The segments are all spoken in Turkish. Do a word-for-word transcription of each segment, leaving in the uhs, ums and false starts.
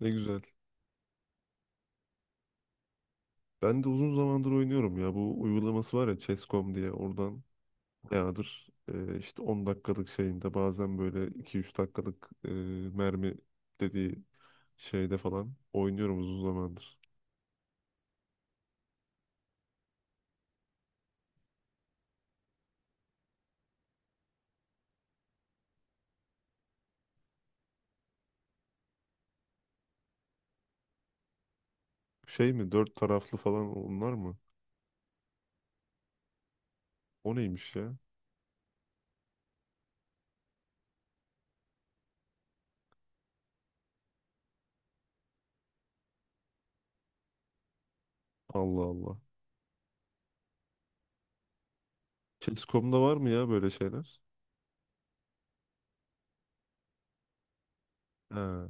Ne güzel. Ben de uzun zamandır oynuyorum ya. Bu uygulaması var ya chess nokta com diye. Oradan bayağıdır e, işte on dakikalık şeyinde bazen böyle iki üç dakikalık e, mermi dediği şeyde falan oynuyorum uzun zamandır. Şey mi? Dört taraflı falan onlar mı? O neymiş ya? Allah Allah. chess nokta comda'da var mı ya böyle şeyler? Ha.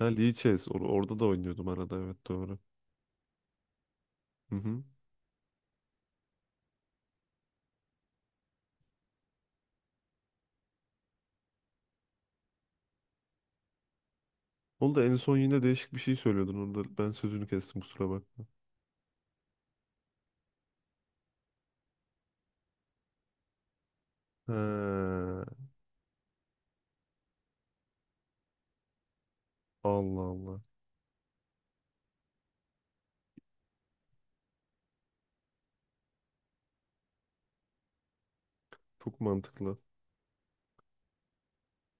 Ha Lee Chess. Or- orada da oynuyordum arada, evet, doğru. Hı hı. Onu da en son yine değişik bir şey söylüyordun. Onu da ben sözünü kestim, kusura bakma. Ha. Allah Allah. Çok mantıklı.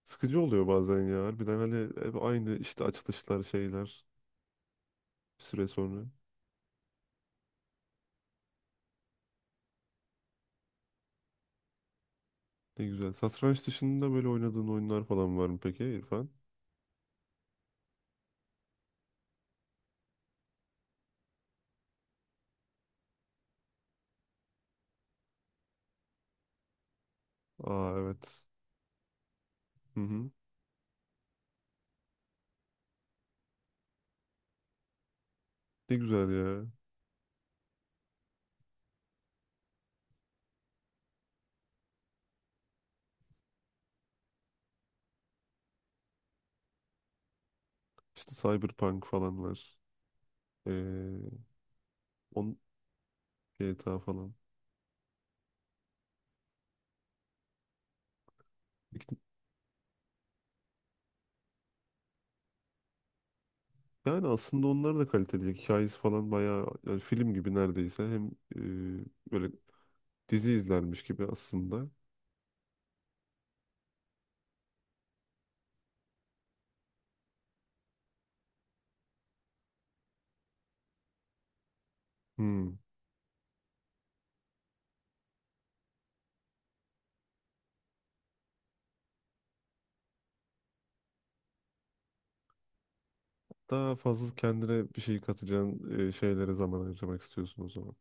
Sıkıcı oluyor bazen ya. Harbiden hani hep aynı işte, açılışlar, şeyler bir süre sonra. Ne güzel. Satranç dışında böyle oynadığın oyunlar falan var mı peki İrfan? Aa, evet. Hı hı. Ne güzel ya. İşte Cyberpunk falan var. Ee, on G T A falan. İki- Yani aslında onlar da kaliteli. Hikayesi falan bayağı, yani film gibi neredeyse. Hem e, böyle dizi izlermiş gibi aslında. Hmm. Daha fazla kendine bir şey katacağın e, şeylere zaman harcamak istiyorsun o zaman.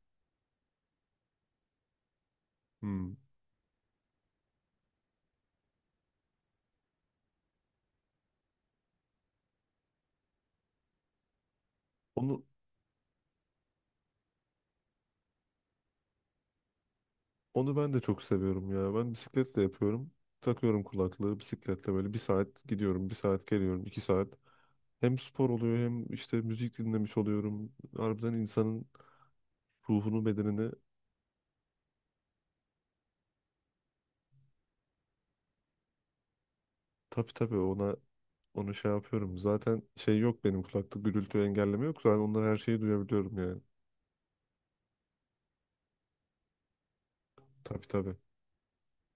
Hmm. Onu onu ben de çok seviyorum ya. Ben bisikletle yapıyorum. Takıyorum kulaklığı, bisikletle böyle bir saat gidiyorum, bir saat geliyorum, iki saat. Hem spor oluyor hem işte müzik dinlemiş oluyorum. Harbiden insanın ruhunu, bedenini, tabii tabii, ona onu şey yapıyorum. Zaten şey yok, benim kulakta gürültü engelleme yok. Zaten onları, her şeyi duyabiliyorum yani. Tabii tabii.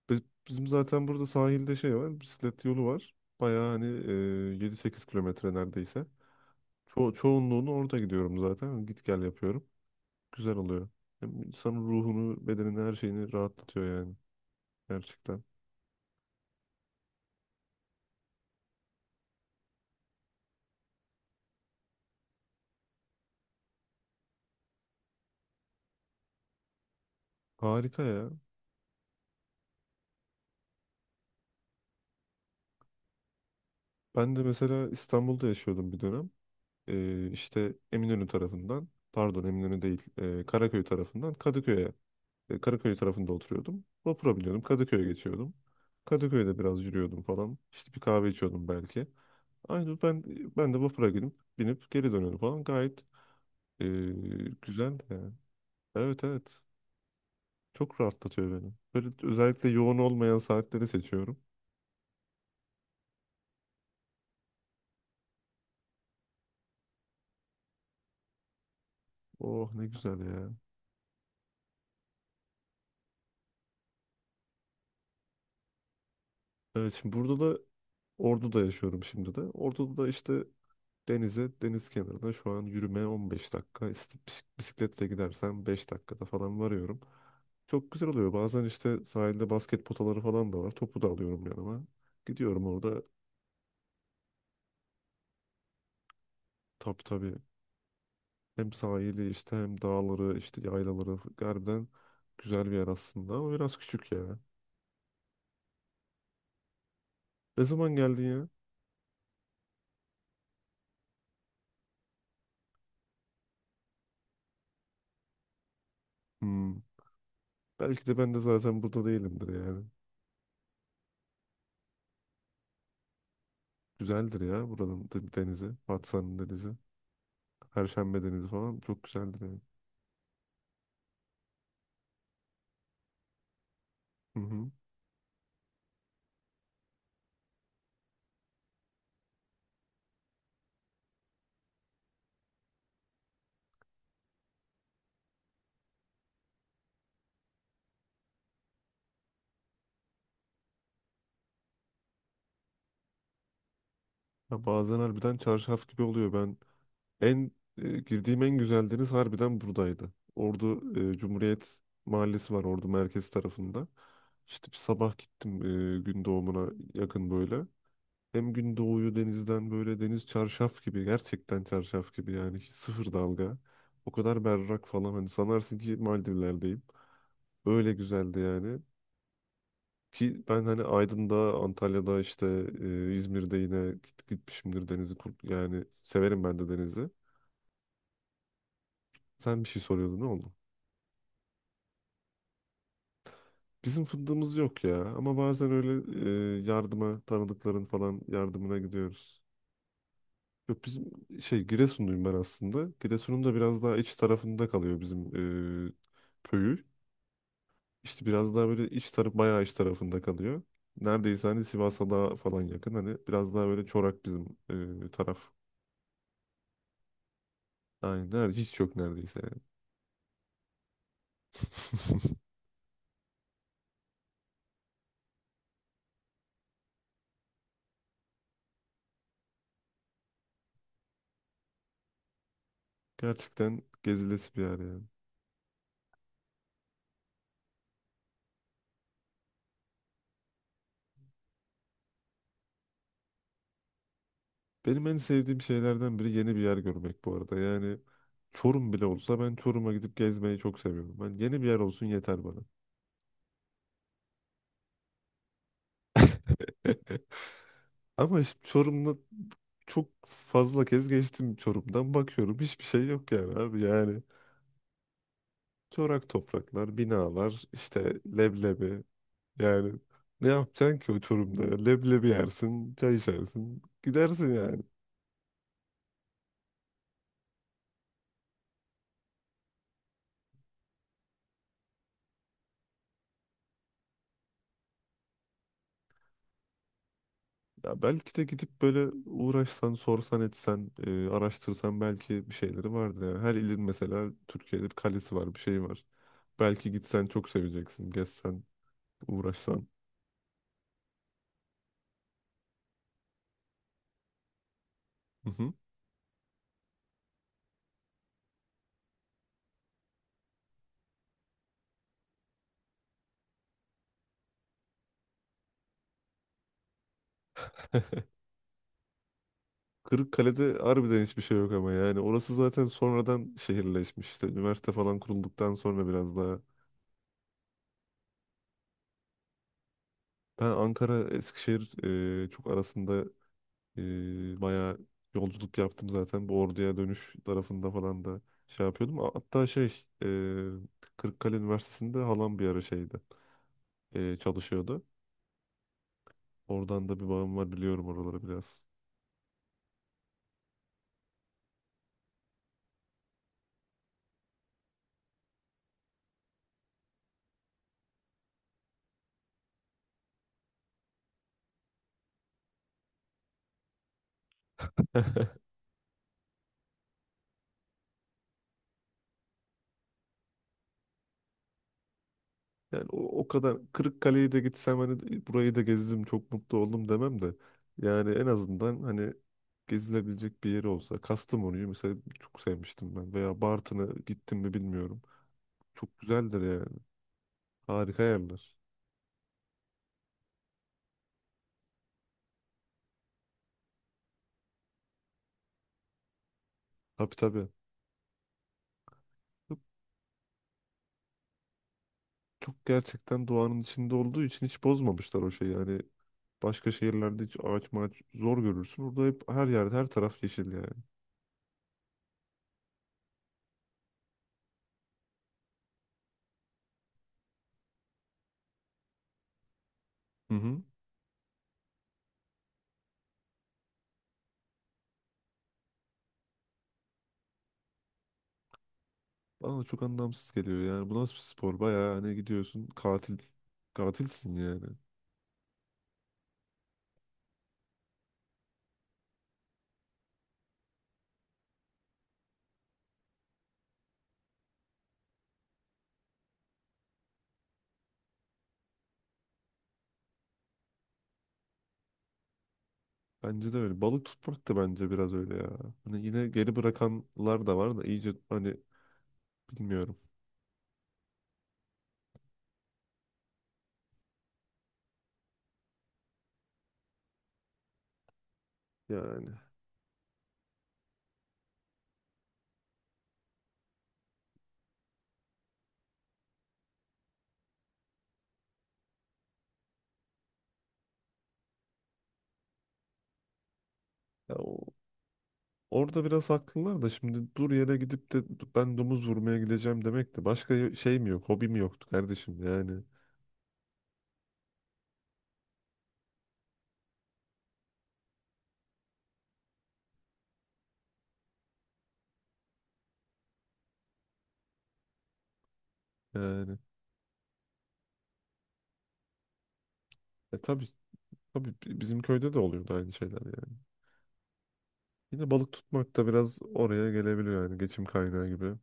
Biz, bizim zaten burada sahilde şey var, bisiklet yolu var. Bayağı hani e, yedi sekiz kilometre neredeyse. Ço çoğunluğunu orada gidiyorum zaten. Git gel yapıyorum. Güzel oluyor. Hem insanın ruhunu, bedenini, her şeyini rahatlatıyor yani. Gerçekten. Harika ya. Ben de mesela İstanbul'da yaşıyordum bir dönem. E, işte Eminönü tarafından, pardon, Eminönü değil, e, Karaköy tarafından Kadıköy'e, e, Karaköy tarafında oturuyordum. Vapura biniyordum, Kadıköy'e geçiyordum. Kadıköy'de biraz yürüyordum falan. İşte bir kahve içiyordum belki. Aynen, ben ben de vapura binip, binip geri dönüyorum falan. Gayet e, güzel de yani. Evet, evet. Çok rahatlatıyor beni. Böyle özellikle yoğun olmayan saatleri seçiyorum. Oh, ne güzel ya. Evet, şimdi burada da Ordu'da yaşıyorum şimdi de. Ordu'da da işte denize, deniz kenarına şu an yürümeye on beş dakika. İşte bis- bisikletle gidersen beş dakikada falan varıyorum. Çok güzel oluyor. Bazen işte sahilde basket potaları falan da var. Topu da alıyorum yanıma. Gidiyorum orada. Tabii tabii. Hem sahili işte hem dağları işte yaylaları harbiden güzel bir yer aslında, ama biraz küçük ya. Ne zaman geldin ya? Hmm. Belki de ben de zaten burada değilimdir yani. Güzeldir ya buranın de- denizi. Patsa'nın denizi. Perşembe denizi falan çok güzeldir yani. Hı hı. Ya bazen harbiden çarşaf gibi oluyor. Ben en e, Girdiğim en güzel deniz harbiden buradaydı. Ordu e, Cumhuriyet Mahallesi var, Ordu merkez tarafında. İşte bir sabah gittim, e, gün doğumuna yakın böyle. Hem gün doğuyu denizden, böyle deniz çarşaf gibi, gerçekten çarşaf gibi yani, hiç sıfır dalga. O kadar berrak falan, hani sanarsın ki Maldivler'deyim. Öyle güzeldi yani. Ki ben hani Aydın'da, Antalya'da, işte e, İzmir'de yine git, gitmişimdir denizi. kur- Yani severim ben de denizi. Sen bir şey soruyordun, ne oldu? Bizim fındığımız yok ya, ama bazen öyle e, yardıma, tanıdıkların falan yardımına gidiyoruz. Yok bizim şey, Giresunluyum ben aslında. Giresun'un da biraz daha iç tarafında kalıyor bizim e, köyü. İşte biraz daha böyle iç taraf, bayağı iç tarafında kalıyor. Neredeyse hani Sivas'a daha falan yakın. Hani biraz daha böyle çorak bizim e, taraf. Aynen, neredeyse hiç yok, neredeyse yani. Gerçekten gezilesi bir yer yani. Benim en sevdiğim şeylerden biri yeni bir yer görmek, bu arada. Yani Çorum bile olsa ben Çorum'a gidip gezmeyi çok seviyorum. Ben, yeni bir yer olsun, yeter bana. Ama işte Çorum'da çok fazla kez geçtim Çorum'dan, bakıyorum hiçbir şey yok yani abi, yani çorak topraklar, binalar, işte leblebi, yani ne yapacaksın ki o Çorum'da ya? Leblebi yersin, çay içersin, gidersin yani. Ya belki de gidip böyle uğraşsan, sorsan, etsen, e, araştırsan belki bir şeyleri vardır yani. Her ilin mesela Türkiye'de bir kalesi var, bir şey var, belki gitsen çok seveceksin, gezsen, uğraşsan. Kırıkkale'de harbiden hiçbir şey yok ama, yani orası zaten sonradan şehirleşmiş, işte üniversite falan kurulduktan sonra biraz daha. Ben Ankara Eskişehir e, çok arasında e, bayağı yolculuk yaptım zaten, bu Ordu'ya dönüş tarafında falan da şey yapıyordum. A- hatta şey, e, Kırıkkale Üniversitesi'nde halam bir ara şeydi, e, çalışıyordu. Oradan da bir bağım var, biliyorum oraları biraz. Yani o, o kadar Kırıkkale'yi de gitsem, hani e, burayı da gezdim çok mutlu oldum demem de yani. En azından hani gezilebilecek bir yeri olsa. Kastamonu'yu mesela çok sevmiştim ben, veya Bartın'a gittim mi bilmiyorum. Çok güzeldir yani. Harika yerler. Tabii tabii. Çok gerçekten doğanın içinde olduğu için hiç bozmamışlar o şeyi. Yani başka şehirlerde hiç ağaç maç zor görürsün. Orada hep her yerde her taraf yeşil yani. Hı hı. Bana da çok anlamsız geliyor yani. Bu nasıl bir spor? Bayağı hani gidiyorsun, katil. Katilsin yani. Bence de öyle. Balık tutmak da bence biraz öyle ya. Hani yine geri bırakanlar da var da, iyice hani bilmiyorum. Yani. Ya o, orada biraz haklılar da, şimdi dur yere gidip de ben domuz vurmaya gideceğim demek de, başka şey mi yok? Hobi mi yoktu kardeşim yani. Yani. E tabii. Tabii bi- bizim köyde de oluyordu aynı şeyler yani. Yine balık tutmak da biraz oraya gelebiliyor yani, geçim kaynağı gibi.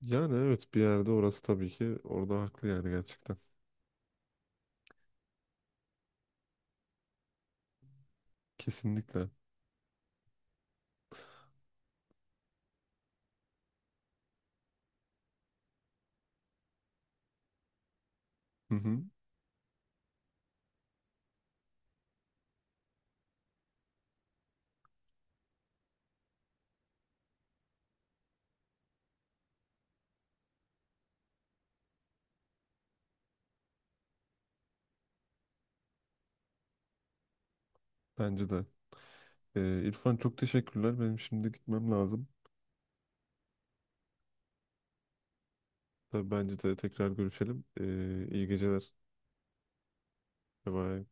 Yani evet, bir yerde orası tabii ki, orada haklı yani gerçekten. Kesinlikle. Hı hı. Bence de. Ee, İrfan, çok teşekkürler. Benim şimdi gitmem lazım. Tabii, bence de tekrar görüşelim. Ee, iyi geceler. Bye bye.